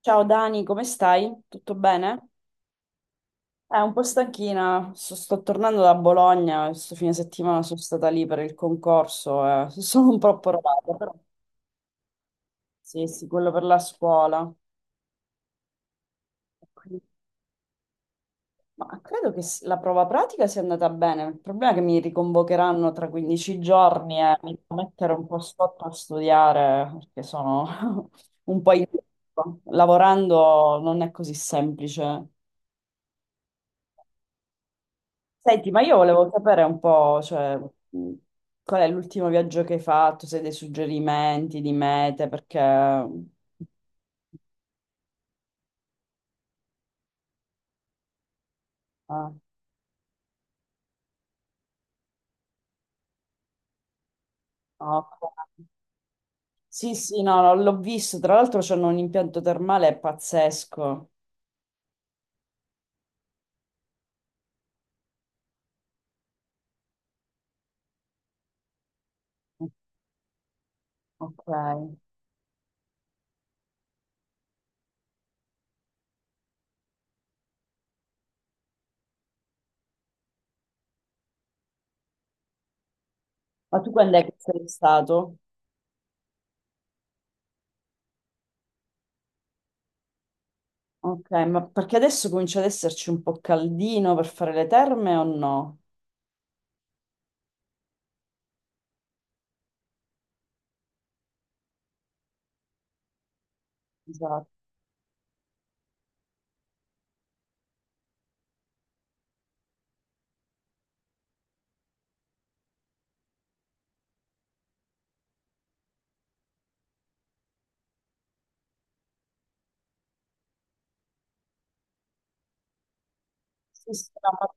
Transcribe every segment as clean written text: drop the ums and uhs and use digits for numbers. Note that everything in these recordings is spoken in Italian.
Ciao Dani, come stai? Tutto bene? Un po' stanchina, sto tornando da Bologna, questo fine settimana sono stata lì per il concorso, sono un po' approvata, però sì, sì, quello per la scuola. Quindi- Ma credo che la prova pratica sia andata bene, il problema è che mi riconvocheranno tra 15 giorni e mi devo mettere un po' sotto a studiare perché sono un po' in... Lavorando non è così semplice. Senti, ma io volevo sapere un po', cioè, qual è l'ultimo viaggio che hai fatto, se hai dei suggerimenti di mete, perché... Ah, ok. Sì, sì, no, no, l'ho visto, tra l'altro c'hanno un impianto termale pazzesco. Ok. Ma tu quando è che sei stato? Ok, ma perché adesso comincia ad esserci un po' caldino per fare le terme o no? Esatto. Sì, sì, no,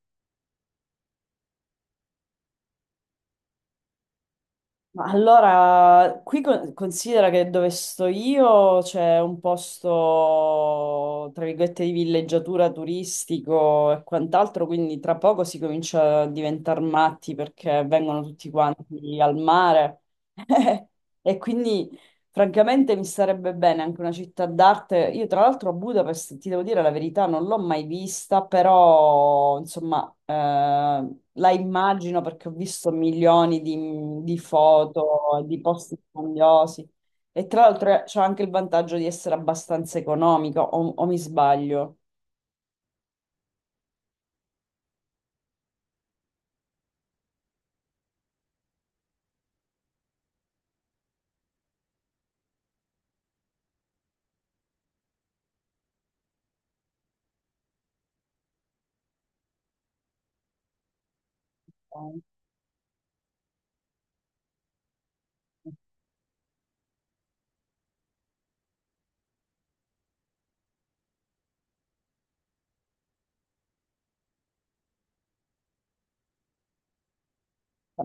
ma allora, qui considera che dove sto io c'è un posto, tra virgolette, di villeggiatura turistico e quant'altro, quindi tra poco si comincia a diventare matti perché vengono tutti quanti al mare. E quindi francamente mi starebbe bene anche una città d'arte. Io tra l'altro a Budapest, ti devo dire la verità, non l'ho mai vista, però insomma la immagino perché ho visto milioni di foto, di posti grandiosi e tra l'altro c'è anche il vantaggio di essere abbastanza economico, o mi sbaglio?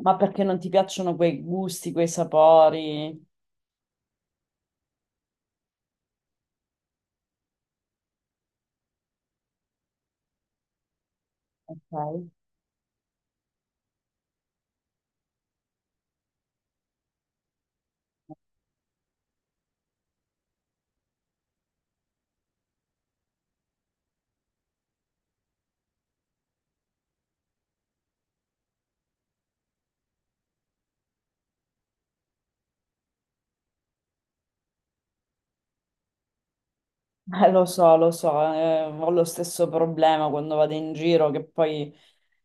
Ma perché non ti piacciono quei gusti, quei sapori? Ok. Lo so, ho lo stesso problema quando vado in giro, che poi,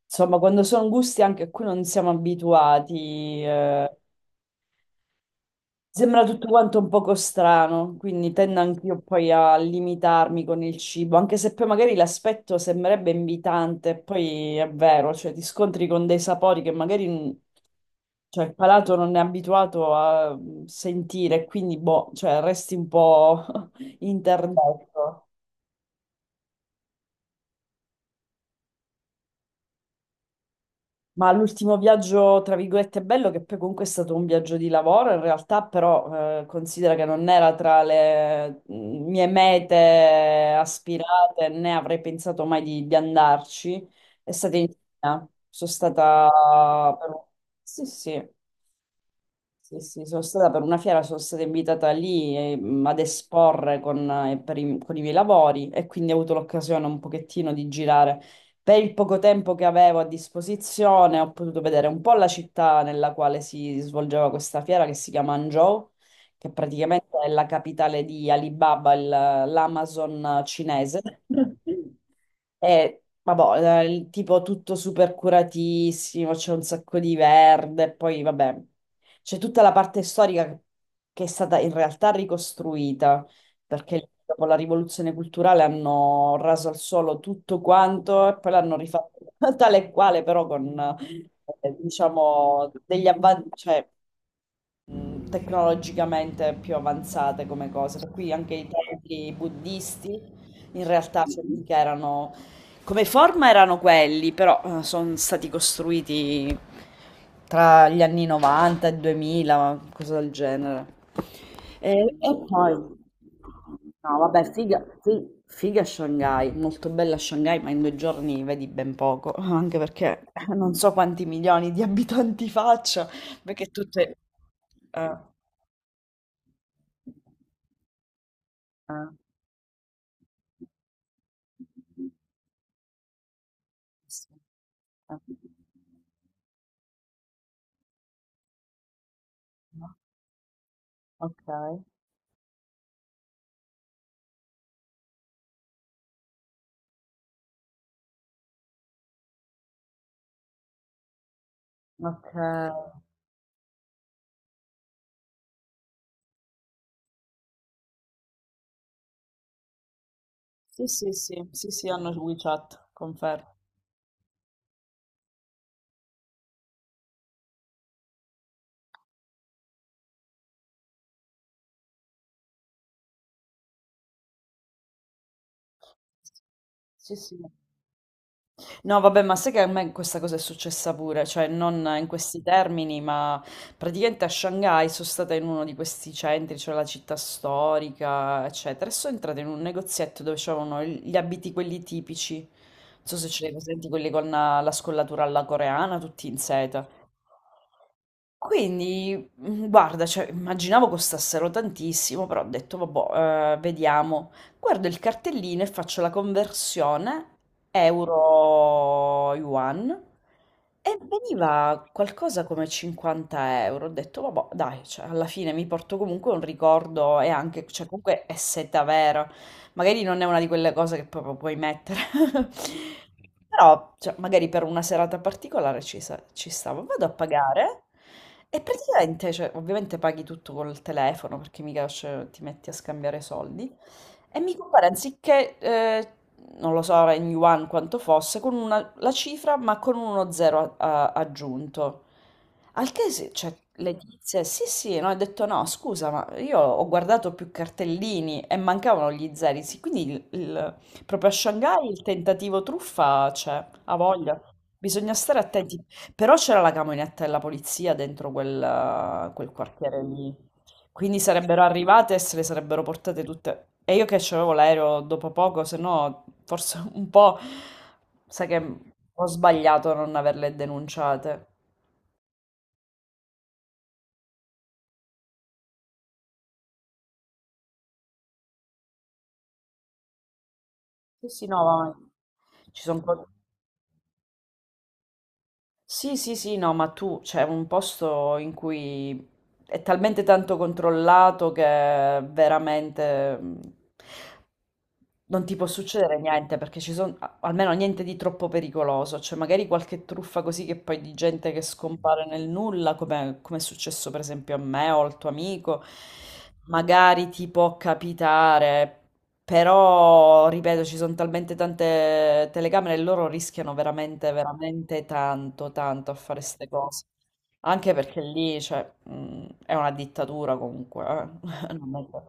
insomma, quando sono gusti anche a cui non siamo abituati, sembra tutto quanto un poco strano, quindi tendo anch'io poi a limitarmi con il cibo, anche se poi magari l'aspetto sembrerebbe invitante, poi è vero, cioè ti scontri con dei sapori che magari, cioè, il palato non è abituato a sentire, quindi, boh, cioè, resti un po' interdetto. Ma l'ultimo viaggio, tra virgolette, bello, che poi comunque è stato un viaggio di lavoro, in realtà però considera che non era tra le mie mete aspirate, né avrei pensato mai di, di andarci, è stata in Cina. Sono stata per sì, sì. Sì, sì, sono stata per una fiera, sono stata invitata lì ad esporre con, per i, con i miei lavori e quindi ho avuto l'occasione un pochettino di girare. Per il poco tempo che avevo a disposizione ho potuto vedere un po' la città nella quale si svolgeva questa fiera che si chiama Hangzhou, che praticamente è la capitale di Alibaba, l'Amazon cinese. E vabbè, il tipo tutto super curatissimo, c'è un sacco di verde, poi vabbè. C'è tutta la parte storica che è stata in realtà ricostruita, perché dopo la rivoluzione culturale hanno raso al suolo tutto quanto e poi l'hanno rifatto tale e quale, però con, diciamo, degli avanti, cioè tecnologicamente più avanzate come cose. Per cui anche i templi buddisti in realtà che erano come forma erano quelli, però sono stati costruiti tra gli anni 90 e 2000, cosa del genere. E poi, no, vabbè, figa, figa Shanghai, molto bella Shanghai, ma in due giorni vedi ben poco, anche perché non so quanti milioni di abitanti faccia. Perché tutte... Ah, ah. Sì. Ah. No? Ok, okay. Sì, sì, sì, sì, sì, hanno WeChat, confermo. Sì, sì. No, vabbè, ma sai che a me questa cosa è successa pure, cioè non in questi termini, ma praticamente a Shanghai sono stata in uno di questi centri, cioè la città storica, eccetera, e sono entrata in un negozietto dove c'erano gli abiti quelli tipici, non so se ce li hai presenti, quelli con la, la scollatura alla coreana, tutti in seta. Quindi, guarda, cioè, immaginavo costassero tantissimo, però ho detto, vabbè, vediamo. Guardo il cartellino e faccio la conversione euro-yuan e veniva qualcosa come 50€. Ho detto, vabbè, dai, cioè, alla fine mi porto comunque un ricordo e anche, cioè, comunque è seta vera. Magari non è una di quelle cose che proprio puoi mettere. Però, cioè, magari per una serata particolare ci, ci stavo. Vado a pagare e praticamente, cioè, ovviamente paghi tutto col telefono perché mica cioè, ti metti a scambiare soldi. E mi compare anziché, non lo so, in yuan quanto fosse, con una, la cifra ma con uno zero aggiunto. Al che, cioè, le tizie, sì sì, no, ho detto no, scusa, ma io ho guardato più cartellini e mancavano gli zeri, sì, quindi proprio a Shanghai il tentativo truffa c'è, ha voglia. Bisogna stare attenti. Però c'era la camionetta della polizia dentro quel, quel quartiere lì. Quindi sarebbero arrivate e se le sarebbero portate tutte. E io che c'avevo l'aereo dopo poco, se no forse un po'... Sai che ho sbagliato a non averle denunciate. Sì, sì, no, ma ci sono... po- Sì, sì, sì, no, ma tu c'è un posto in cui è talmente tanto controllato che veramente... non ti può succedere niente perché ci sono almeno niente di troppo pericoloso, cioè magari qualche truffa così che poi di gente che scompare nel nulla, come, come è successo per esempio a me o al tuo amico, magari ti può capitare, però ripeto, ci sono talmente tante telecamere e loro rischiano veramente, veramente tanto, tanto a fare queste cose. Anche perché lì, cioè, è una dittatura comunque, eh. Non è che-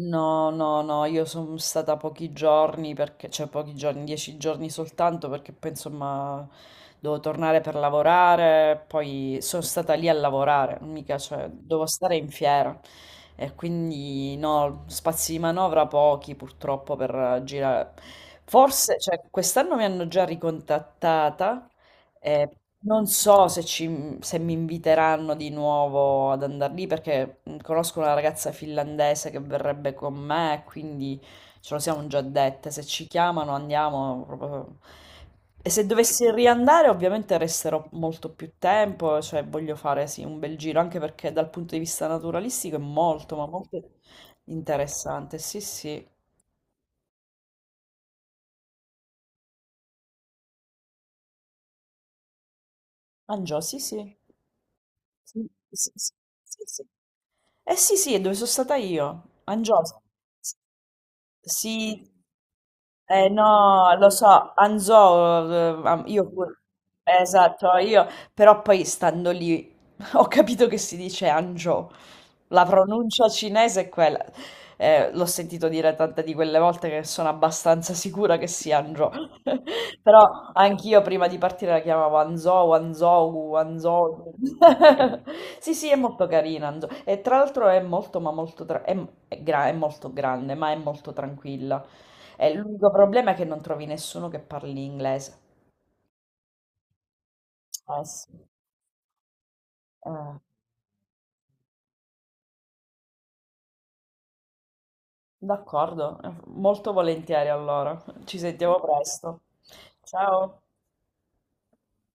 No, no, no, io sono stata pochi giorni perché, cioè pochi giorni, 10 giorni soltanto perché poi insomma devo tornare per lavorare, poi sono stata lì a lavorare, mica, cioè devo stare in fiera e quindi no, spazi di manovra pochi purtroppo per girare. Forse, cioè quest'anno mi hanno già ricontattata eh, non so se, se mi inviteranno di nuovo ad andare lì perché conosco una ragazza finlandese che verrebbe con me, quindi ce lo siamo già dette. Se ci chiamano andiamo proprio- E se dovessi riandare, ovviamente resterò molto più tempo, cioè voglio fare sì, un bel giro, anche perché dal punto di vista naturalistico è molto, ma molto interessante. Sì, sì. Angio, sì, sì. Sì, sì, sì, sì, sì. Eh sì, sì, è dove sono stata io, Angiosa. S- Sì, eh no, lo so, Anzò, io pure, esatto, io, però poi stando lì ho capito che si dice Angiò. La pronuncia cinese è quella. L'ho sentito dire tante di quelle volte che sono abbastanza sicura che sia Hangzhou. Però anch'io prima di partire la chiamavo Hangzhou, Hangzhou, Hangzhou. Sì, sì, è molto carina Hangzhou. E tra l'altro è molto, ma molto, tra- è, è molto grande, ma è molto tranquilla. E l'unico problema è che non trovi nessuno che parli inglese. Eh sì. Eh, d'accordo, molto volentieri allora. Ci sentiamo presto. Ciao.